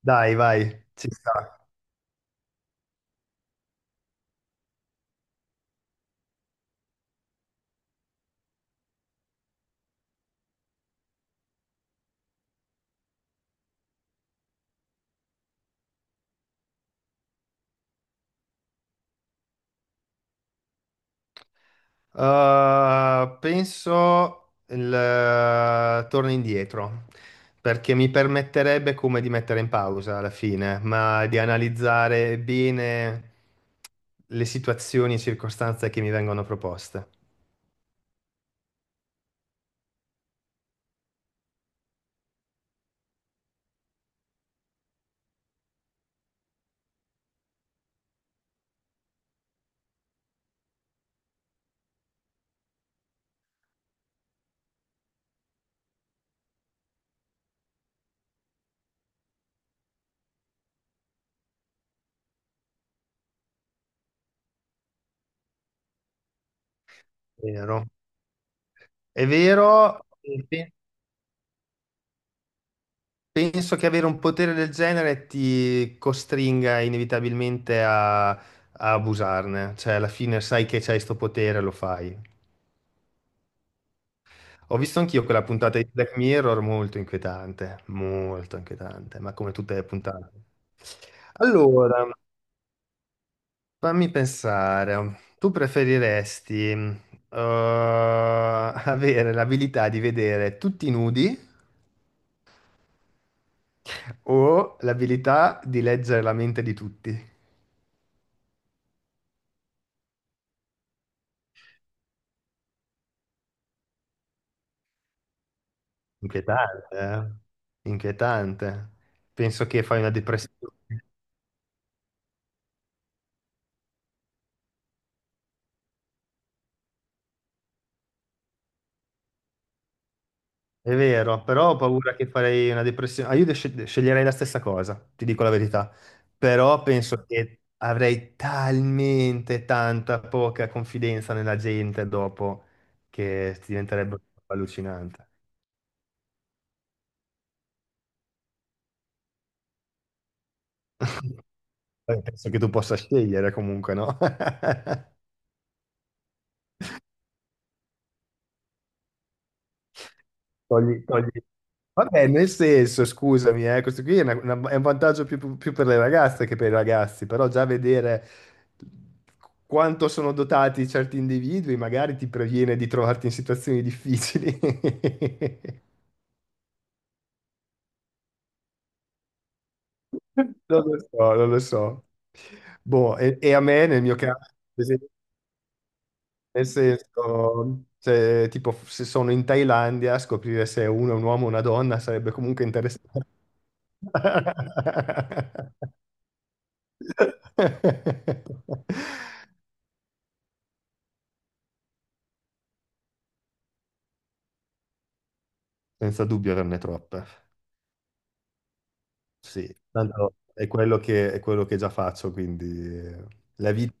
Dai, vai, ci sta. Penso il torno indietro, perché mi permetterebbe come di mettere in pausa alla fine, ma di analizzare bene le situazioni e circostanze che mi vengono proposte. Vero. È vero, penso che avere un potere del genere ti costringa inevitabilmente a abusarne, cioè alla fine sai che c'hai sto potere, lo fai. Ho visto anch'io quella puntata di Black Mirror molto inquietante, ma come tutte le puntate. Allora, fammi pensare, tu preferiresti avere l'abilità di vedere tutti nudi o l'abilità di leggere la mente di tutti? Inquietante, eh? Inquietante. Penso che fai una depressione. È vero, però ho paura che farei una depressione. Ah, io sceglierei la stessa cosa, ti dico la verità. Però penso che avrei talmente tanta poca confidenza nella gente dopo che diventerebbe allucinante. Poi penso che tu possa scegliere comunque, no? Togli, togli. Vabbè, nel senso, scusami, questo qui è, è un vantaggio più per le ragazze che per i ragazzi, però già vedere quanto sono dotati certi individui magari ti previene di trovarti in situazioni difficili. Non lo so, non lo so. Boh, e a me nel mio caso, per esempio, nel senso, se, tipo, se sono in Thailandia, scoprire se uno è un uomo o una donna sarebbe comunque interessante. Senza dubbio averne troppe. Sì, tanto è quello che già faccio, quindi eh, la vita.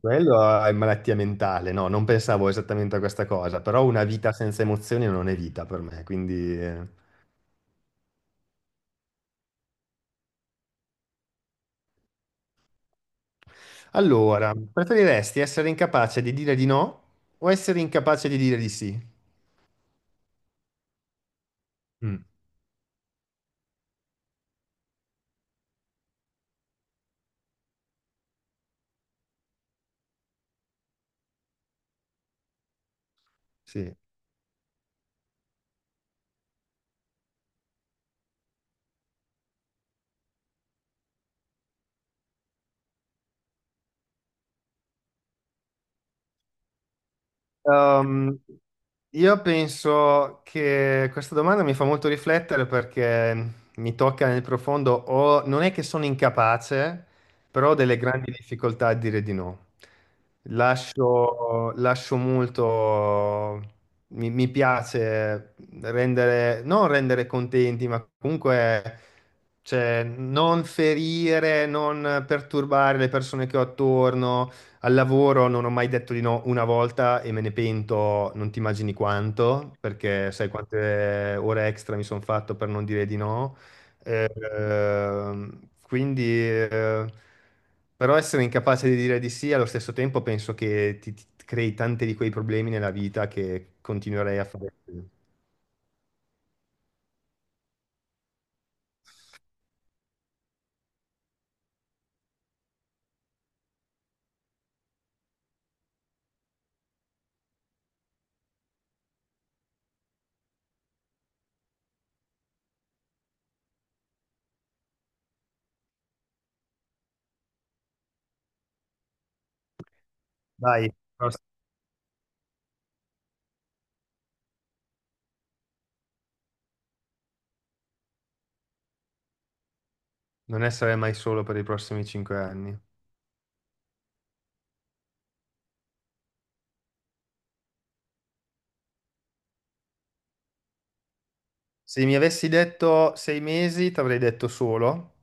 Quello è malattia mentale, no, non pensavo esattamente a questa cosa, però una vita senza emozioni non è vita per me, quindi. Allora, preferiresti essere incapace di dire di no o essere incapace di dire di sì? Mm, sì. Ehm, io penso che questa domanda mi fa molto riflettere perché mi tocca nel profondo, o non è che sono incapace, però ho delle grandi difficoltà a dire di no. Lascio molto, mi piace rendere, non rendere contenti, ma comunque cioè, non ferire, non perturbare le persone che ho attorno. Al lavoro non ho mai detto di no una volta e me ne pento, non ti immagini quanto, perché sai quante ore extra mi sono fatto per non dire di no. Eh, quindi, però essere incapace di dire di sì allo stesso tempo penso che ti crei tanti di quei problemi nella vita che continuerei a fare. Dai, non essere mai solo per i prossimi cinque anni. Se mi avessi detto sei mesi, ti avrei detto solo.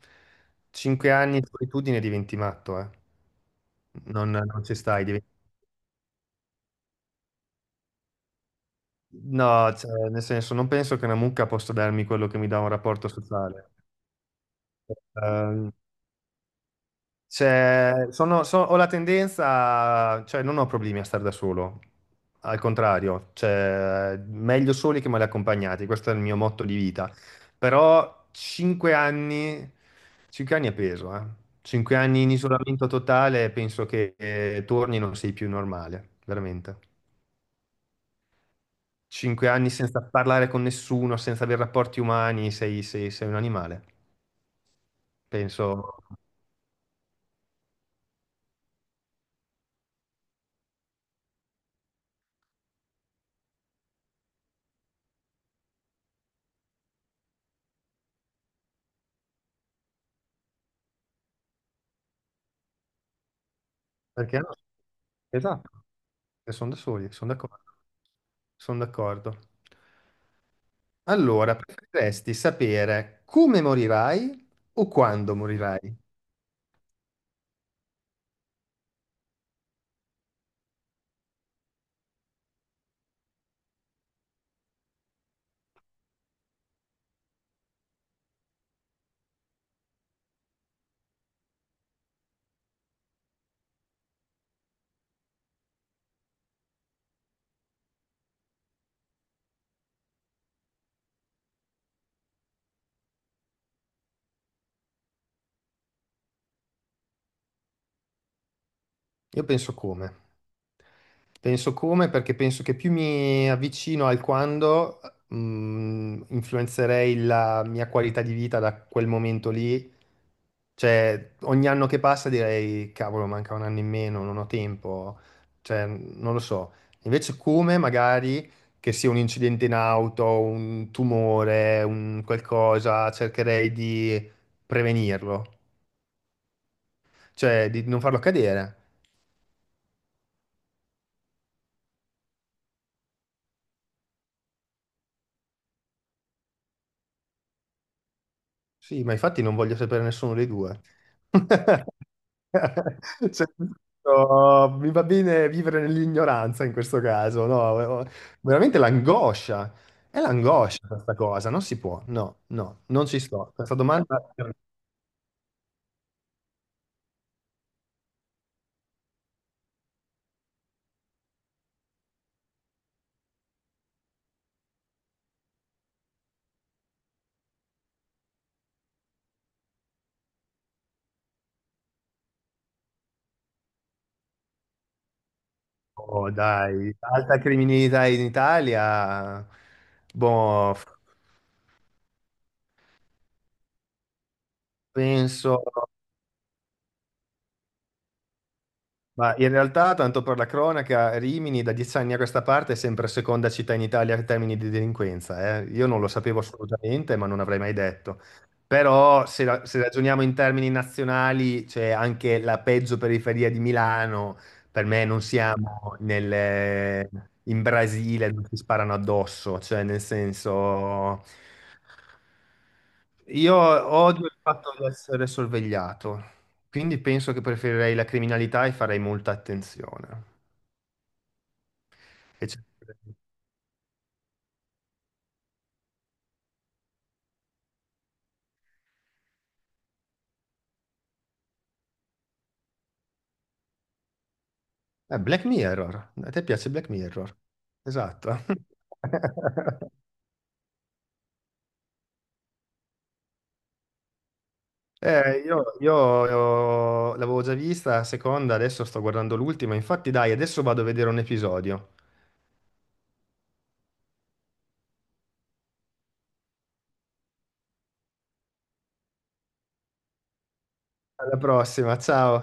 Cinque anni di solitudine diventi matto, eh. Non ci stai. No, cioè, nel senso, non penso che una mucca possa darmi quello che mi dà un rapporto sociale. Ehm, Cioè, ho la tendenza, cioè non ho problemi a stare da solo, al contrario, cioè, meglio soli che male accompagnati, questo è il mio motto di vita. Però 5 anni, 5 anni è peso, eh. 5 anni in isolamento totale, penso che torni e non sei più normale, veramente. 5 anni senza parlare con nessuno, senza avere rapporti umani, sei un animale, penso. Perché no? Esatto. Sono da soli, sono d'accordo. Sono d'accordo. Allora, preferiresti sapere come morirai o quando morirai? Io penso come. Penso come, perché penso che più mi avvicino al quando, influenzerei la mia qualità di vita da quel momento lì. Cioè, ogni anno che passa direi, cavolo, manca un anno in meno, non ho tempo. Cioè, non lo so. Invece come, magari, che sia un incidente in auto, un tumore, un qualcosa, cercherei di prevenirlo. Cioè, di non farlo accadere. Sì, ma infatti non voglio sapere nessuno dei due. Cioè, no, mi va bene vivere nell'ignoranza in questo caso, no? Oh, veramente l'angoscia, è l'angoscia questa cosa, non si può, no, no, non ci sto. Questa domanda, oh, dai, alta criminalità in Italia, boh, penso. Ma in realtà, tanto per la cronaca, Rimini da 10 anni a questa parte è sempre seconda città in Italia in termini di delinquenza, eh. Io non lo sapevo assolutamente, ma non avrei mai detto. Però se, se ragioniamo in termini nazionali, c'è anche la peggio periferia di Milano. Per me non siamo in Brasile dove si sparano addosso, cioè nel senso. Io odio il fatto di essere sorvegliato, quindi penso che preferirei la criminalità e farei molta attenzione. Che c'è- Black Mirror, a te piace Black Mirror? Esatto. Io l'avevo già vista la seconda, adesso sto guardando l'ultima, infatti dai, adesso vado a vedere un episodio. Alla prossima, ciao.